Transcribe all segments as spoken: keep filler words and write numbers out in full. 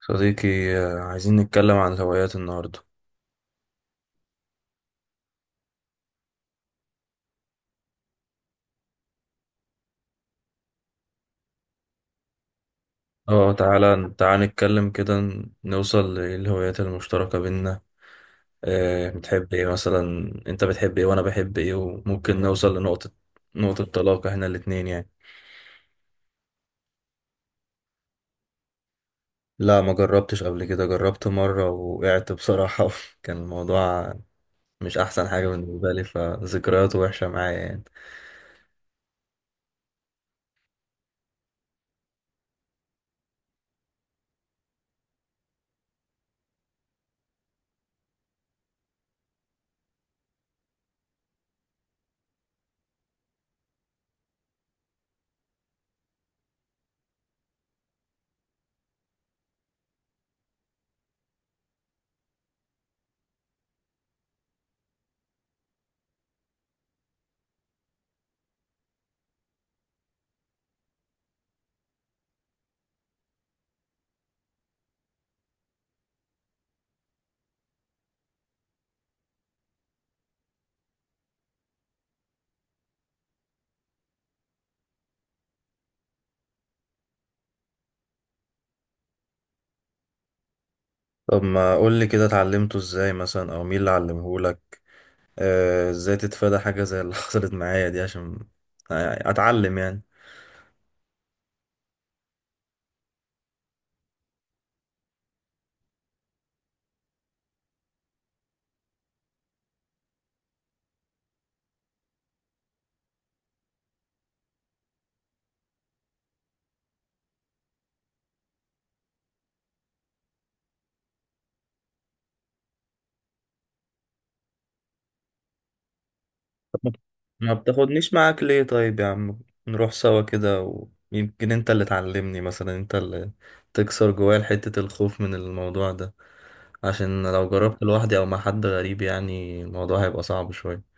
صديقي، آه، عايزين نتكلم عن الهوايات النهاردة. اه، تعالى تعالى نتكلم كده، ن- نوصل للهوايات المشتركة بينا. آه، بتحب ايه مثلا؟ انت بتحب ايه وانا بحب ايه وممكن نوصل لنقطة، نقطة طلاق احنا الاتنين يعني. لا، ما جربتش قبل كده. جربت مرة وقعت بصراحة كان الموضوع مش احسن حاجة بالنسبة لي، فذكرياته وحشة معايا يعني. طب ما قول لي كده اتعلمته ازاي مثلا، او مين اللي علمهولك، آه، ازاي تتفادى حاجة زي اللي حصلت معايا دي، عشان اتعلم يعني. ما بتاخدنيش معاك ليه طيب يا عم؟ نروح سوا كده، ويمكن انت اللي تعلمني مثلا، انت اللي تكسر جوايا حتة الخوف من الموضوع ده، عشان لو جربت لوحدي او مع حد غريب يعني الموضوع هيبقى صعب شوية.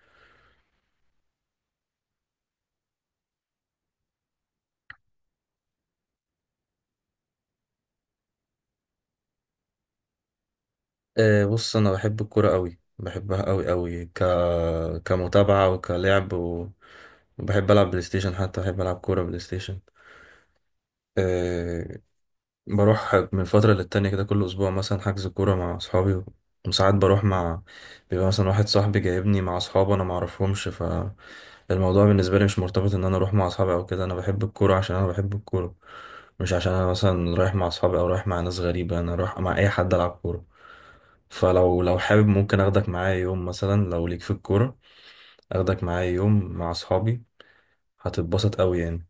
أه، بص انا بحب الكرة قوي، بحبها قوي قوي، ك... كمتابعة وكلعب و... وبحب العب بلاي ستيشن. حتى بحب العب كورة بلاي ستيشن. آه، بروح من فترة للتانية كده، كل أسبوع مثلا حجز كورة مع أصحابي. وساعات بروح مع، بيبقى مثلا واحد صاحبي جايبني مع أصحابه أنا معرفهمش. فالموضوع بالنسبة لي مش مرتبط إن أنا أروح مع أصحابي أو كده، أنا بحب الكورة عشان أنا بحب الكورة. مش عشان أنا مثلا رايح مع أصحابي أو رايح مع ناس غريبة، أنا رايح مع أي حد ألعب كورة. فلو لو حابب ممكن أخدك معايا يوم مثلا لو ليك في الكورة، أخدك معايا يوم مع أصحابي، هتتبسط أوي يعني.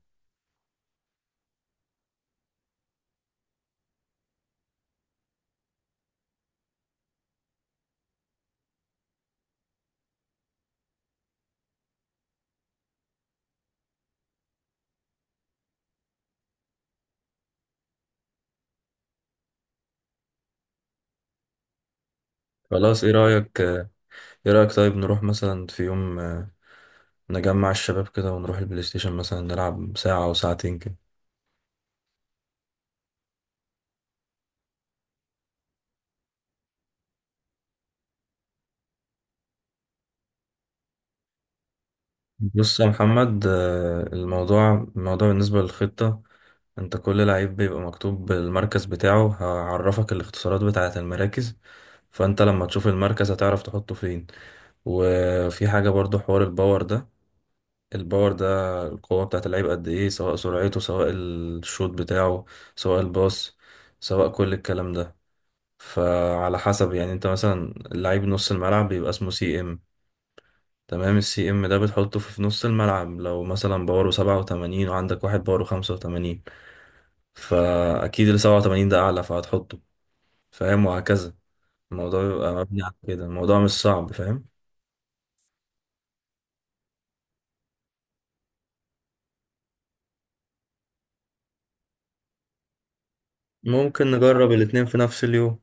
خلاص، إيه رأيك إيه رأيك طيب نروح مثلا في يوم، نجمع الشباب كده ونروح البلاي ستيشن مثلا، نلعب ساعة أو ساعتين كده. بص يا محمد، آه، الموضوع الموضوع بالنسبة للخطة. أنت كل لعيب بيبقى مكتوب المركز بتاعه، هعرفك الاختصارات بتاعة المراكز. فأنت لما تشوف المركز هتعرف تحطه فين. وفي حاجة برضو، حوار الباور ده الباور ده القوة بتاعة اللعيب قد إيه، سواء سرعته، سواء الشوط بتاعه، سواء الباص، سواء كل الكلام ده. فعلى حسب يعني، انت مثلا لعيب نص الملعب بيبقى اسمه سي ام. تمام، السي ام ده بتحطه في في نص الملعب. لو مثلا باور سبعة وتمانين وعندك واحد باور خمسة وتمانين، فأكيد اللي سبعة وتمانين ده أعلى، فهتحطه. فاهم؟ وهكذا. الموضوع بيبقى مبني على كده، الموضوع مش صعب، فاهم؟ ممكن نجرب الاتنين في نفس اليوم.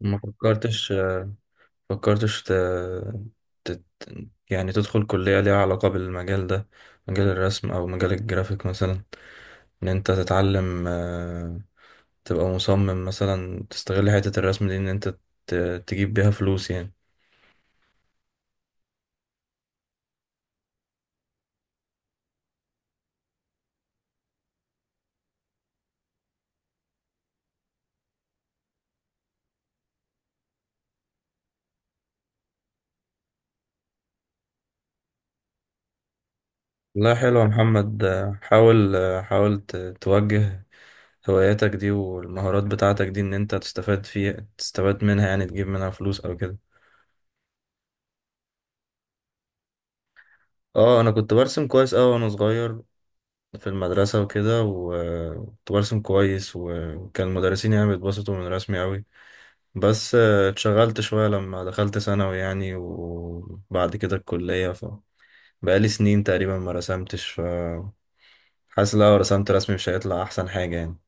ما فكرتش، فكرتش ت... ت... يعني تدخل كلية ليها علاقة بالمجال ده، مجال الرسم أو مجال الجرافيك مثلا. إن أنت تتعلم، تبقى مصمم مثلا، تستغل حتة الرسم دي، إن أنت ت- تجيب بيها فلوس يعني. لا، حلو يا محمد. آه، حاول آه، حاول ت- توجه هواياتك دي والمهارات بتاعتك دي، إن أنت تستفاد فيها تستفاد منها يعني، تجيب منها فلوس أو كده. اه، أنا كنت برسم كويس أوي وأنا صغير في المدرسة وكده، وكنت برسم كويس، وكان المدرسين يعني بيتبسطوا من رسمي أوي. بس آه، اتشغلت شوية لما دخلت ثانوي يعني، وبعد كده الكلية. بقالي سنين تقريبا ما رسمتش، ف حاسس لو رسمت رسمي مش هيطلع احسن حاجة يعني.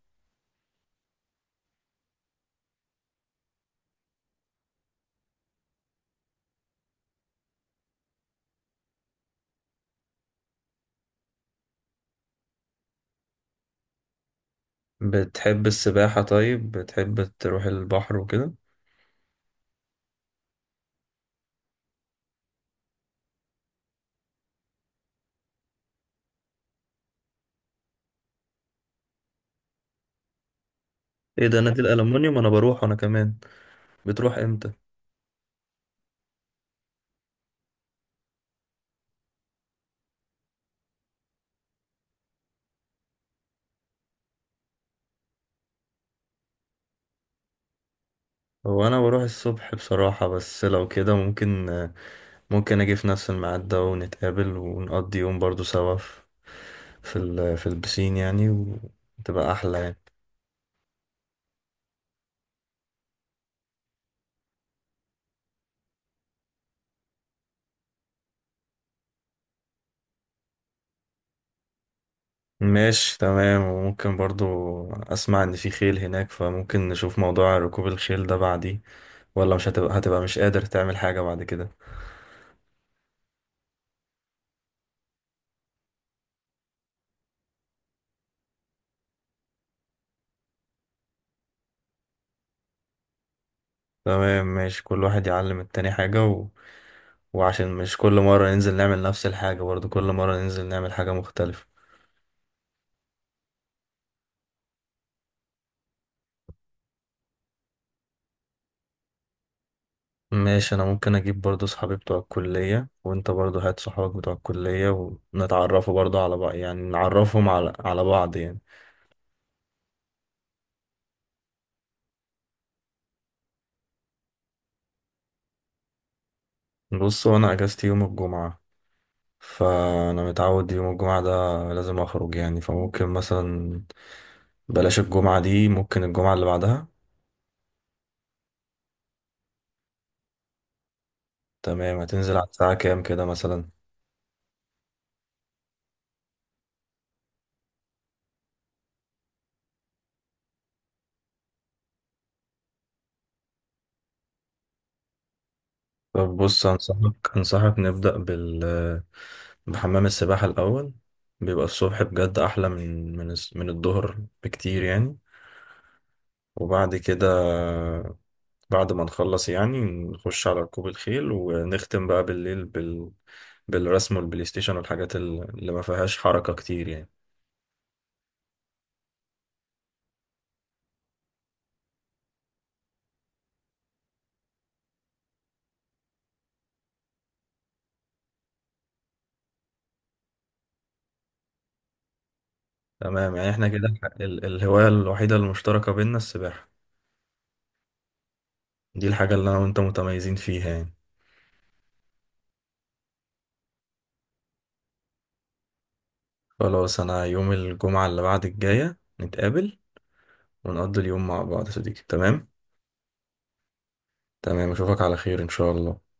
بتحب السباحة؟ طيب بتحب تروح البحر وكده؟ ايه ده؟ نادي الألمونيوم؟ انا بروح وانا كمان. بتروح امتى؟ هو انا بروح الصبح بصراحة، بس لو كده ممكن ممكن اجي في نفس الميعاد ده ونتقابل ونقضي يوم برضو سوا في في ال- في البسين يعني، وتبقى احلى يعني. ماشي تمام. وممكن برضو اسمع ان في خيل هناك، فممكن نشوف موضوع ركوب الخيل ده بعديه، ولا مش هتبقى هتبقى مش قادر تعمل حاجة بعد كده؟ تمام ماشي. كل واحد يعلم التاني حاجة، و... وعشان مش كل مرة ننزل نعمل نفس الحاجة برضو، كل مرة ننزل نعمل حاجة مختلفة. ماشي. أنا ممكن أجيب برضو صحابي بتوع الكلية، وأنت برضو هات صحابك بتوع الكلية، ونتعرفوا برضو على بعض يعني، نعرفهم على على بعض يعني. بص، هو أنا أجازتي يوم الجمعة، فأنا متعود يوم الجمعة ده لازم أخرج يعني. فممكن مثلا بلاش الجمعة دي، ممكن الجمعة اللي بعدها. تمام. هتنزل على الساعة كام كده مثلا؟ طب بص، أنصحك أنصحك نبدأ بال بحمام السباحة الأول. بيبقى الصبح بجد أحلى من من الس- من الظهر بكتير يعني. وبعد كده، بعد ما نخلص يعني نخش على ركوب الخيل، ونختم بقى بالليل بال بالرسم والبلاي ستيشن والحاجات ال- اللي ما فيهاش حركة كتير يعني. تمام يعني، احنا كده الح- ال- الهواية الوحيدة المشتركة بيننا السباحة، دي الحاجة اللي أنا وأنت متميزين فيها يعني. خلاص، أنا يوم الجمعة اللي بعد الجاية نتقابل ونقضي اليوم مع بعض يا صديقي، تمام؟ تمام، اشوفك على خير ان شاء الله.